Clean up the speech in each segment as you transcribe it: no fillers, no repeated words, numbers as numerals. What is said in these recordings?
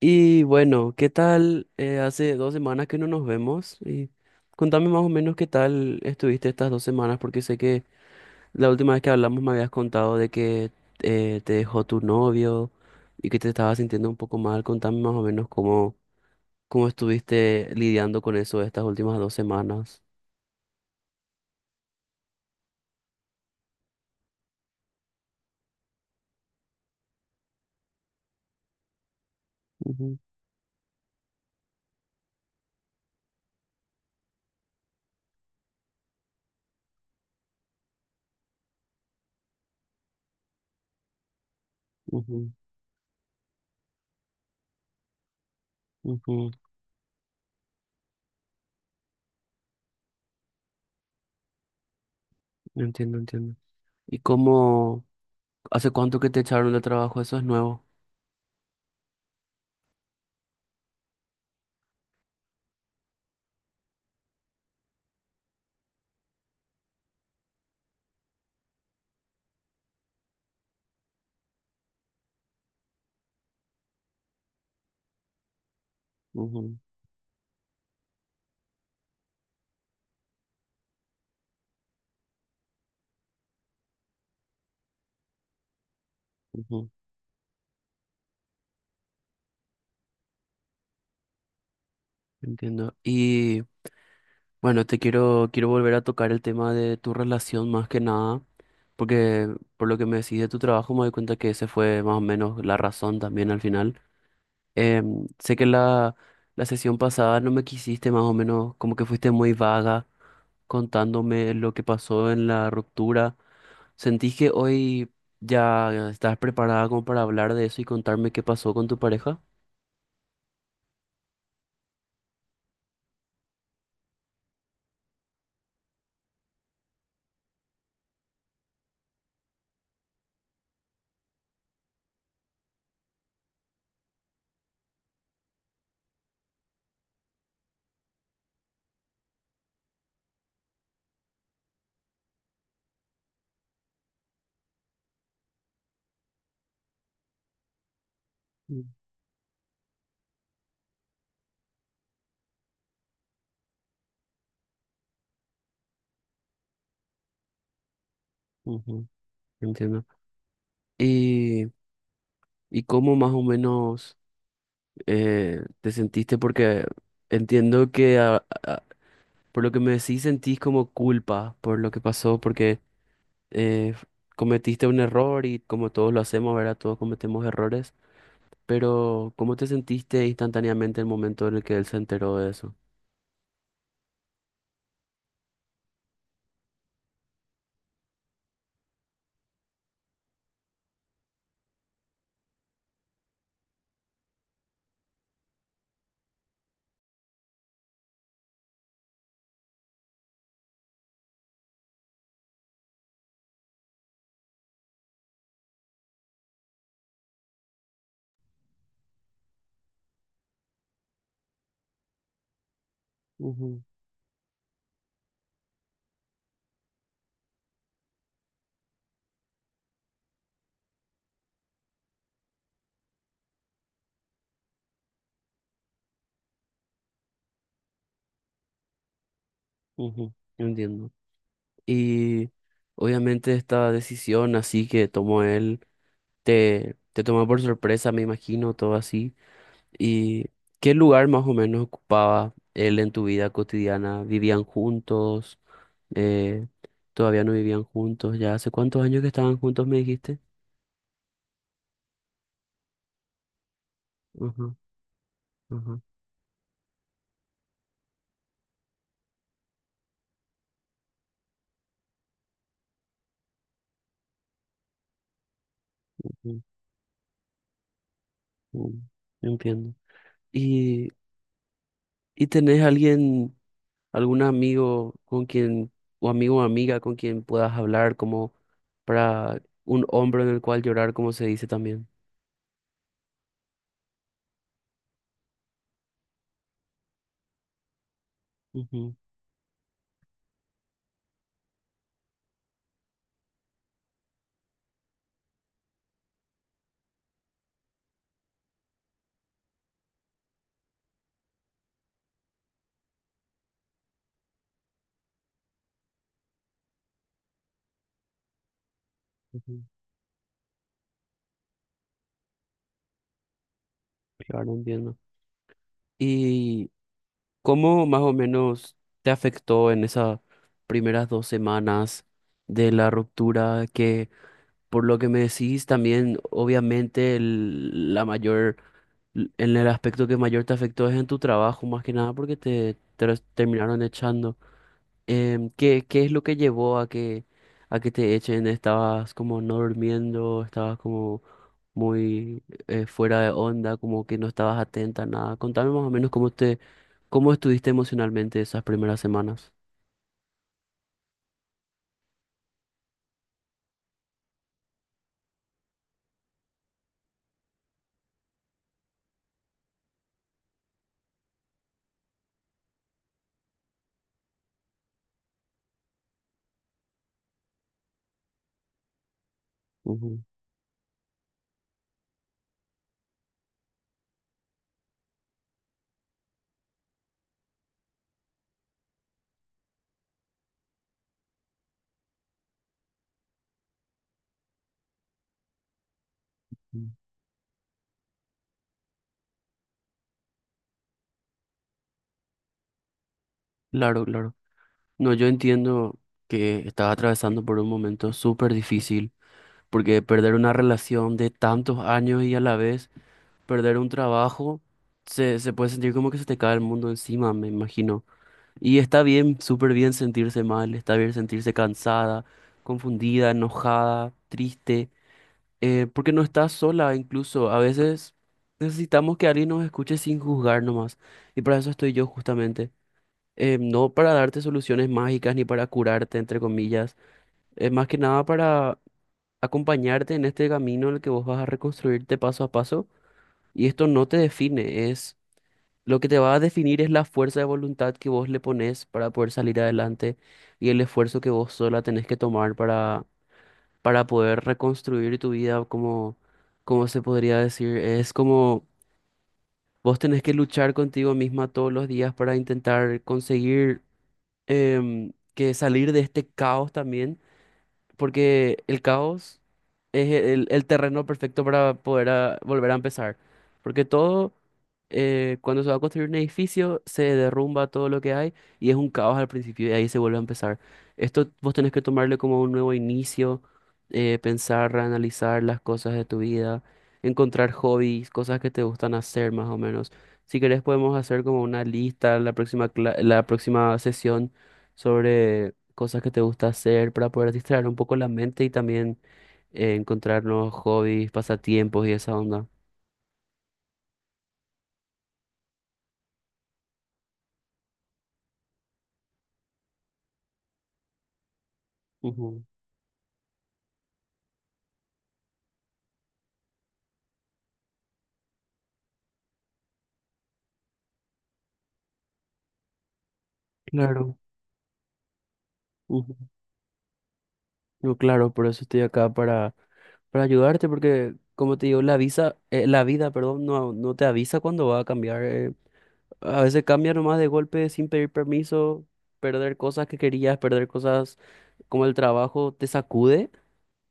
Y bueno, ¿qué tal? Hace 2 semanas que no nos vemos y contame más o menos qué tal estuviste estas 2 semanas, porque sé que la última vez que hablamos me habías contado de que te dejó tu novio y que te estabas sintiendo un poco mal. Contame más o menos cómo estuviste lidiando con eso estas últimas 2 semanas. Ujú, ujú, ujú. Entiendo, entiendo. ¿Y cómo, ¿Hace cuánto que te echaron de trabajo? Eso es nuevo. Ujú, ujú. Entiendo. Bueno, quiero volver a tocar el tema de tu relación más que nada, porque por lo que me decís de tu trabajo me doy cuenta que ese fue más o menos la razón también al final. Sé que la sesión pasada no me quisiste más o menos, como que fuiste muy vaga contándome lo que pasó en la ruptura. ¿Sentís que hoy ya estás preparada como para hablar de eso y contarme qué pasó con tu pareja? Mm, ujú. Entiendo. Y, y cómo más o menos... te sentiste porque entiendo que por lo que me decís sentís como culpa por lo que pasó, porque eh, cometiste un error y como todos lo hacemos, ¿verdad? Todos cometemos errores, pero ¿cómo te sentiste instantáneamente el momento en el que él se enteró de eso? Ujú, ujú. Entiendo. Y obviamente esta decisión así que tomó él, te tomó por sorpresa, me imagino, todo así. ¿Y qué lugar más o menos ocupaba él en tu vida cotidiana? ¿Vivían juntos? Eh, ¿Todavía no vivían juntos? ¿Ya hace cuántos años que estaban juntos, me dijiste? Ajá, ajá, ujú, mm. Entiendo. ¿Y, ¿y tenés alguien, algún amigo con quien, o amigo o amiga con quien puedas hablar como para un hombro en el cual llorar, como se dice también? Ujú, ujú. Claro, entiendo. Y ¿cómo más o menos te afectó en esas primeras 2 semanas de la ruptura? Que por lo que me decís, también obviamente la mayor, en el aspecto que mayor te afectó es en tu trabajo, más que nada porque terminaron echando. ¿ Qué es lo que llevó a a que te echen? ¿Estabas como no durmiendo? ¿Estabas como muy fuera de onda, como que no estabas atenta a nada? Contame más o menos cómo estuviste emocionalmente esas primeras semanas. Ujú, ujú. Claro, claro. No, yo entiendo que estaba atravesando por un momento súper difícil, porque perder una relación de tantos años y a la vez perder un trabajo, se puede sentir como que se te cae el mundo encima, me imagino. Y está bien, súper bien sentirse mal, está bien sentirse cansada, confundida, enojada, triste, porque no estás sola, incluso a veces necesitamos que alguien nos escuche sin juzgar nomás. Y para eso estoy yo justamente. No para darte soluciones mágicas ni para curarte, entre comillas. Es más que nada para acompañarte en este camino en el que vos vas a reconstruirte paso a paso. Y esto no te define, es lo que te va a definir es la fuerza de voluntad que vos le pones para poder salir adelante y el esfuerzo que vos sola tenés que tomar para poder reconstruir tu vida, como se podría decir. Es como vos tenés que luchar contigo misma todos los días para intentar conseguir, que salir de este caos también, porque el caos es el terreno perfecto para poder, ah, volver a empezar. Porque todo, cuando se va a construir un edificio, se derrumba todo lo que hay y es un caos al principio y ahí se vuelve a empezar. Esto vos tenés que tomarle como un nuevo inicio, pensar, analizar las cosas de tu vida, encontrar hobbies, cosas que te gustan hacer más o menos. Si querés podemos hacer como una lista la próxima, la próxima sesión sobre cosas que te gusta hacer para poder distraer un poco la mente y también, encontrar nuevos hobbies, pasatiempos y esa onda. Ujú, claro, ujú. No, claro, por eso estoy acá para ayudarte, porque como te digo, la vida, perdón, no, no te avisa cuando va a cambiar. A veces cambia nomás de golpe sin pedir permiso, perder cosas que querías, perder cosas como el trabajo te sacude.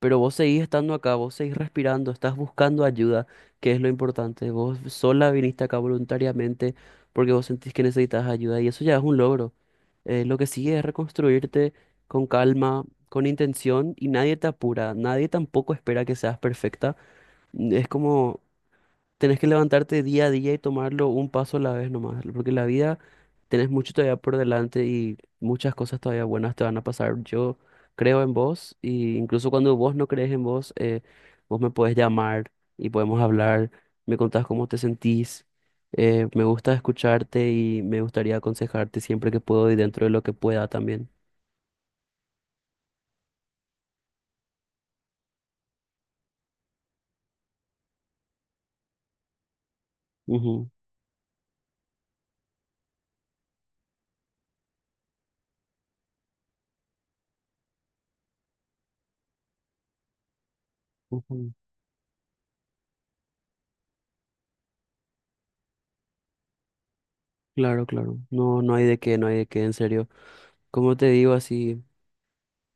Pero vos seguís estando acá, vos seguís respirando, estás buscando ayuda, que es lo importante. Vos sola viniste acá voluntariamente porque vos sentís que necesitas ayuda y eso ya es un logro. Lo que sigue es reconstruirte con calma, con intención y nadie te apura, nadie tampoco espera que seas perfecta. Mm. Es como tenés que levantarte día a día y tomarlo un paso a la vez nomás, porque la vida, tenés mucho todavía por delante y muchas cosas todavía buenas te van a pasar. Yo creo en vos y incluso cuando vos no crees en vos, vos me podés llamar y podemos hablar, me contás cómo te sentís. Me gusta escucharte y me gustaría aconsejarte siempre que puedo y dentro de lo que pueda también. Ujú, ujú. Claro, claro. No, no hay de qué, no hay de qué, en serio. Como te digo, así,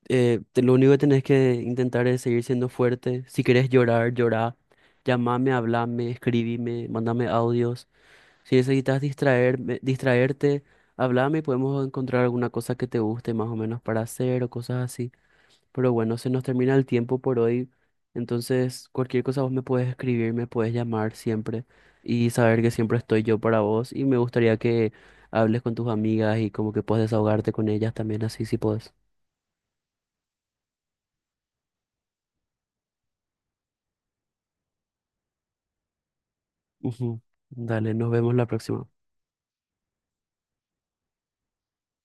lo único que tenés que intentar es seguir siendo fuerte. Si querés llorar, llorá. Llamame, hablame, escribime, mándame audios. Si necesitas distraerte, hablame y podemos encontrar alguna cosa que te guste más o menos para hacer o cosas así. Pero bueno, se nos termina el tiempo por hoy. Entonces, cualquier cosa vos me puedes escribir, me puedes llamar siempre y saber que siempre estoy yo para vos. Y me gustaría que hables con tus amigas y como que puedes desahogarte con ellas también así si puedes. Ujú. Dale, nos vemos la próxima.